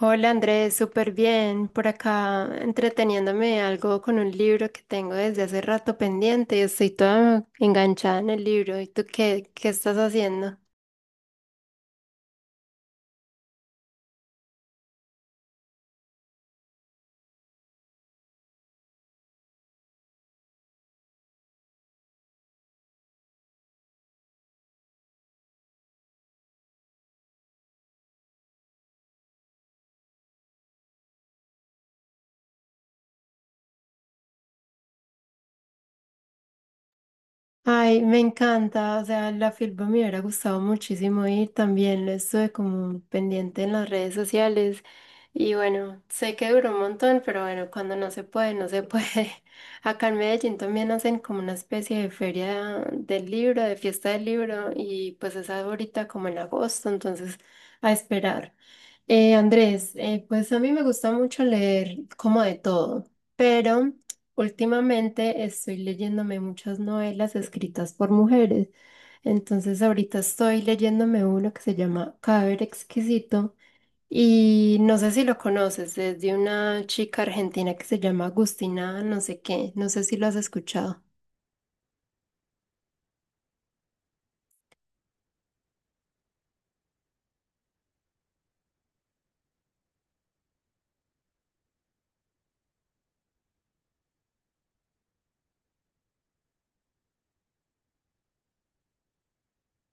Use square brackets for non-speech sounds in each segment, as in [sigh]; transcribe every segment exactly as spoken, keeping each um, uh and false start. Hola Andrés, súper bien. Por acá entreteniéndome algo con un libro que tengo desde hace rato pendiente y estoy toda enganchada en el libro. ¿Y tú qué, qué estás haciendo? Ay, me encanta, o sea, la filpa me hubiera gustado muchísimo ir, también lo estuve como pendiente en las redes sociales y bueno, sé que duró un montón, pero bueno, cuando no se puede, no se puede. [laughs] Acá en Medellín también hacen como una especie de feria del libro, de fiesta del libro y pues es ahorita como en agosto, entonces a esperar. Eh, Andrés, eh, pues a mí me gusta mucho leer como de todo, pero... Últimamente estoy leyéndome muchas novelas escritas por mujeres. Entonces ahorita estoy leyéndome uno que se llama Cadáver Exquisito y no sé si lo conoces, es de una chica argentina que se llama Agustina, no sé qué, no sé si lo has escuchado.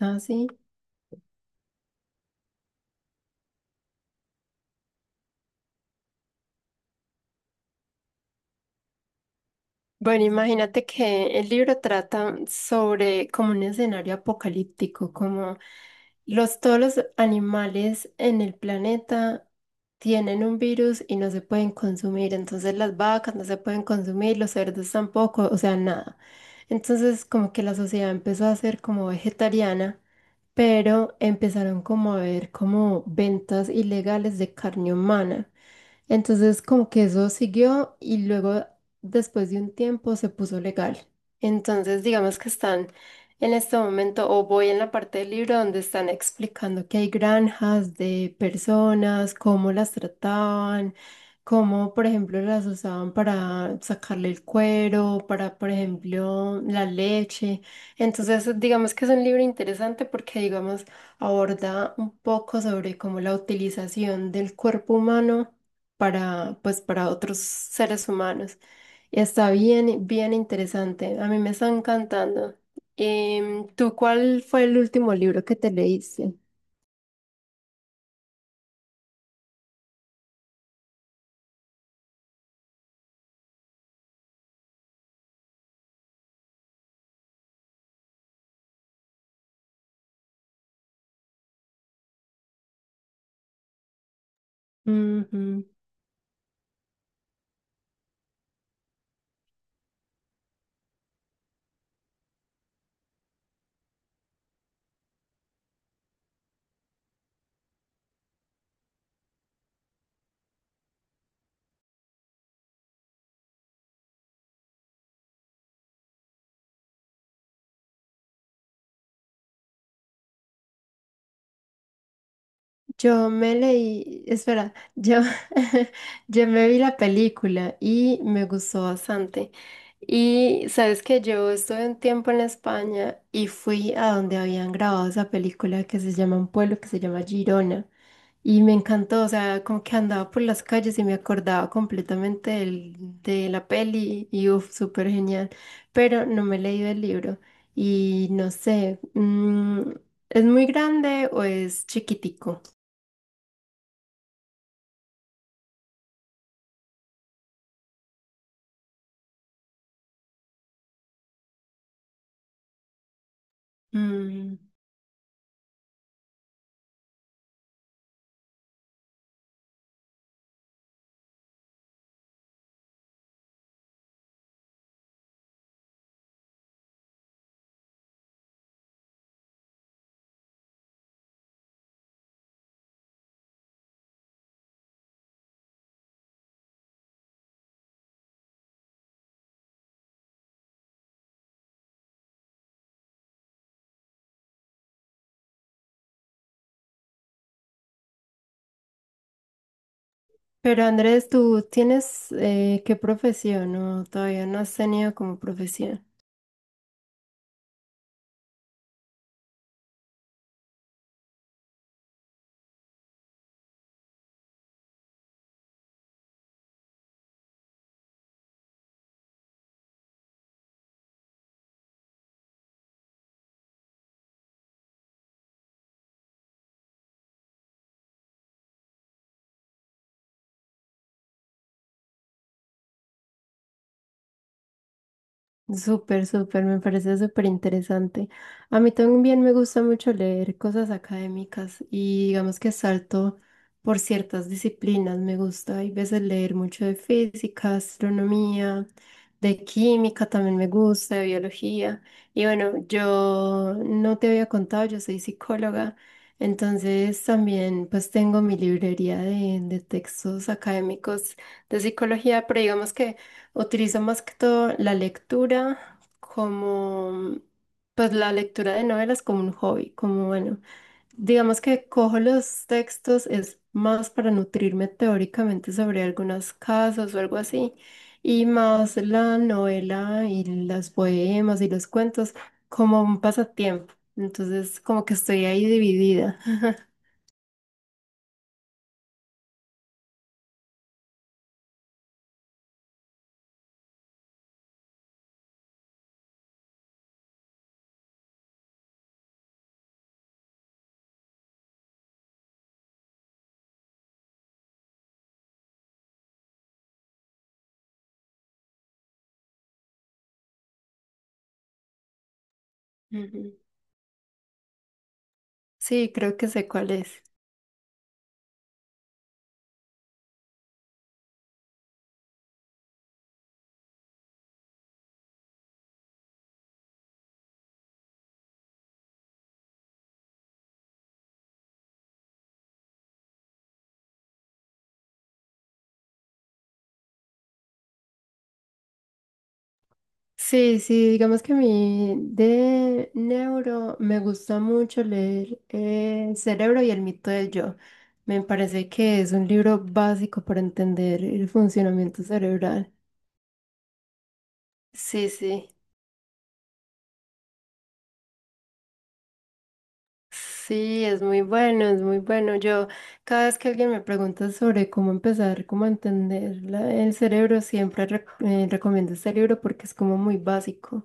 Ah, sí. Bueno, imagínate que el libro trata sobre como un escenario apocalíptico, como los, todos los animales en el planeta tienen un virus y no se pueden consumir, entonces las vacas no se pueden consumir, los cerdos tampoco, o sea, nada. Entonces como que la sociedad empezó a ser como vegetariana, pero empezaron como a ver como ventas ilegales de carne humana. Entonces, como que eso siguió y luego, después de un tiempo, se puso legal. Entonces, digamos que están en este momento, o voy en la parte del libro donde están explicando que hay granjas de personas, cómo las trataban, cómo, por ejemplo, las usaban para sacarle el cuero, para, por ejemplo, la leche. Entonces, digamos que es un libro interesante porque, digamos, aborda un poco sobre cómo la utilización del cuerpo humano para, pues, para otros seres humanos. Y está bien, bien interesante. A mí me está encantando. Em, ¿tú cuál fue el último libro que te leíste? Ujú. Yo me leí, espera, yo, [laughs] Yo me vi la película y me gustó bastante. Y sabes que yo estuve un tiempo en España y fui a donde habían grabado esa película que se llama un pueblo que se llama Girona. Y me encantó, o sea, como que andaba por las calles y me acordaba completamente del- de la peli y uff, súper genial. Pero no me he leído el libro y no sé, mm, ¿es muy grande o es chiquitico? Mm. Pero Andrés, ¿tú tienes eh, qué profesión? No, todavía no has tenido como profesión. Súper, súper, me parece súper interesante. A mí también me gusta mucho leer cosas académicas y digamos que salto por ciertas disciplinas. Me gusta, hay veces leer mucho de física, astronomía, de química también me gusta, de biología. Y bueno, yo no te había contado, yo soy psicóloga, entonces también pues tengo mi librería de, de textos académicos de psicología, pero digamos que... Utilizo más que todo la lectura como, pues la lectura de novelas como un hobby, como bueno, digamos que cojo los textos es más para nutrirme teóricamente sobre algunas casas o algo así, y más la novela y los poemas y los cuentos como un pasatiempo. Entonces, como que estoy ahí dividida. [laughs] Ujú. Sí, creo que sé cuál es. Sí, sí, digamos que a mí de neuro me gusta mucho leer eh, El cerebro y el mito del yo. Me parece que es un libro básico para entender el funcionamiento cerebral. Sí, sí. Sí, es muy bueno, es muy bueno. Yo, cada vez que alguien me pregunta sobre cómo empezar, cómo entender la- el cerebro, siempre rec- eh, recomiendo este libro porque es como muy básico.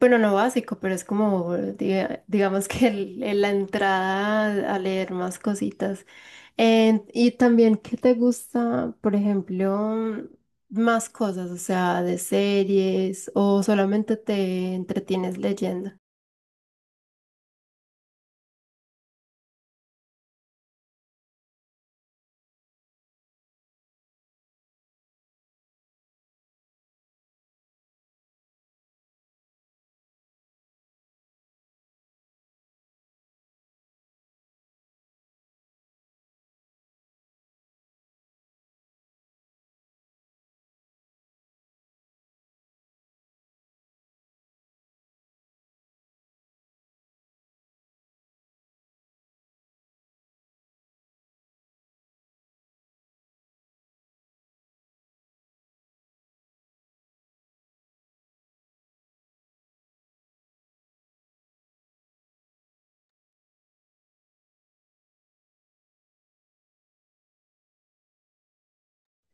Bueno, no básico, pero es como, diga- digamos que el- el- la entrada a leer más cositas. Eh, y también, ¿qué te gusta, por ejemplo, más cosas, o sea, de series o solamente te entretienes leyendo?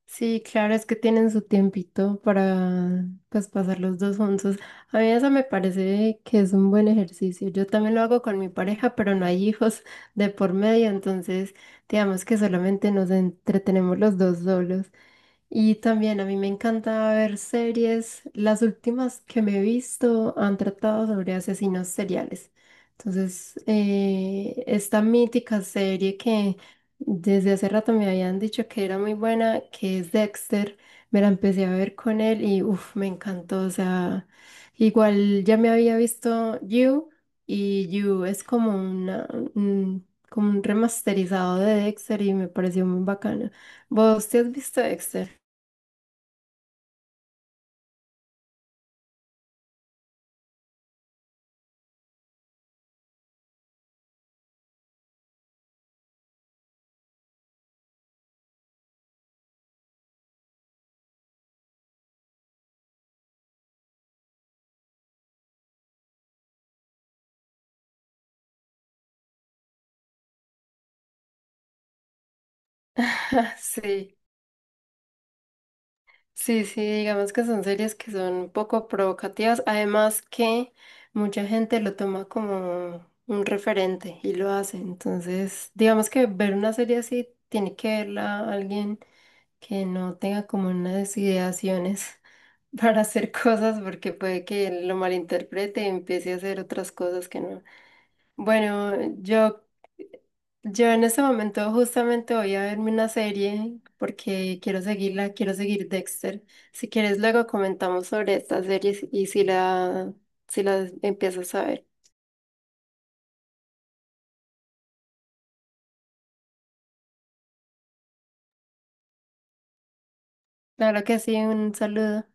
Sí, claro, es que tienen su tiempito para pues pasar los dos juntos. A mí eso me parece que es un buen ejercicio. Yo también lo hago con mi pareja, pero no hay hijos de por medio, entonces digamos que solamente nos entretenemos los dos solos. Y también a mí me encanta ver series. Las últimas que me he visto han tratado sobre asesinos seriales. Entonces, eh, esta mítica serie que desde hace rato me habían dicho que era muy buena, que es Dexter, me la empecé a ver con él y uff, me encantó. O sea, igual ya me había visto You y You es como una, un- como un remasterizado de Dexter y me pareció muy bacana. ¿Vos te has visto Dexter? [laughs] Sí, sí, sí, digamos que son series que son un poco provocativas, además que mucha gente lo toma como un referente y lo hace, entonces digamos que ver una serie así tiene que verla alguien que no tenga como unas ideaciones [laughs] para hacer cosas porque puede que lo malinterprete y empiece a hacer otras cosas que no. Bueno, yo Yo en este momento justamente voy a verme una serie porque quiero seguirla, quiero seguir Dexter. Si quieres, luego comentamos sobre estas series y si la, si las empiezas a ver. Claro que sí, un saludo.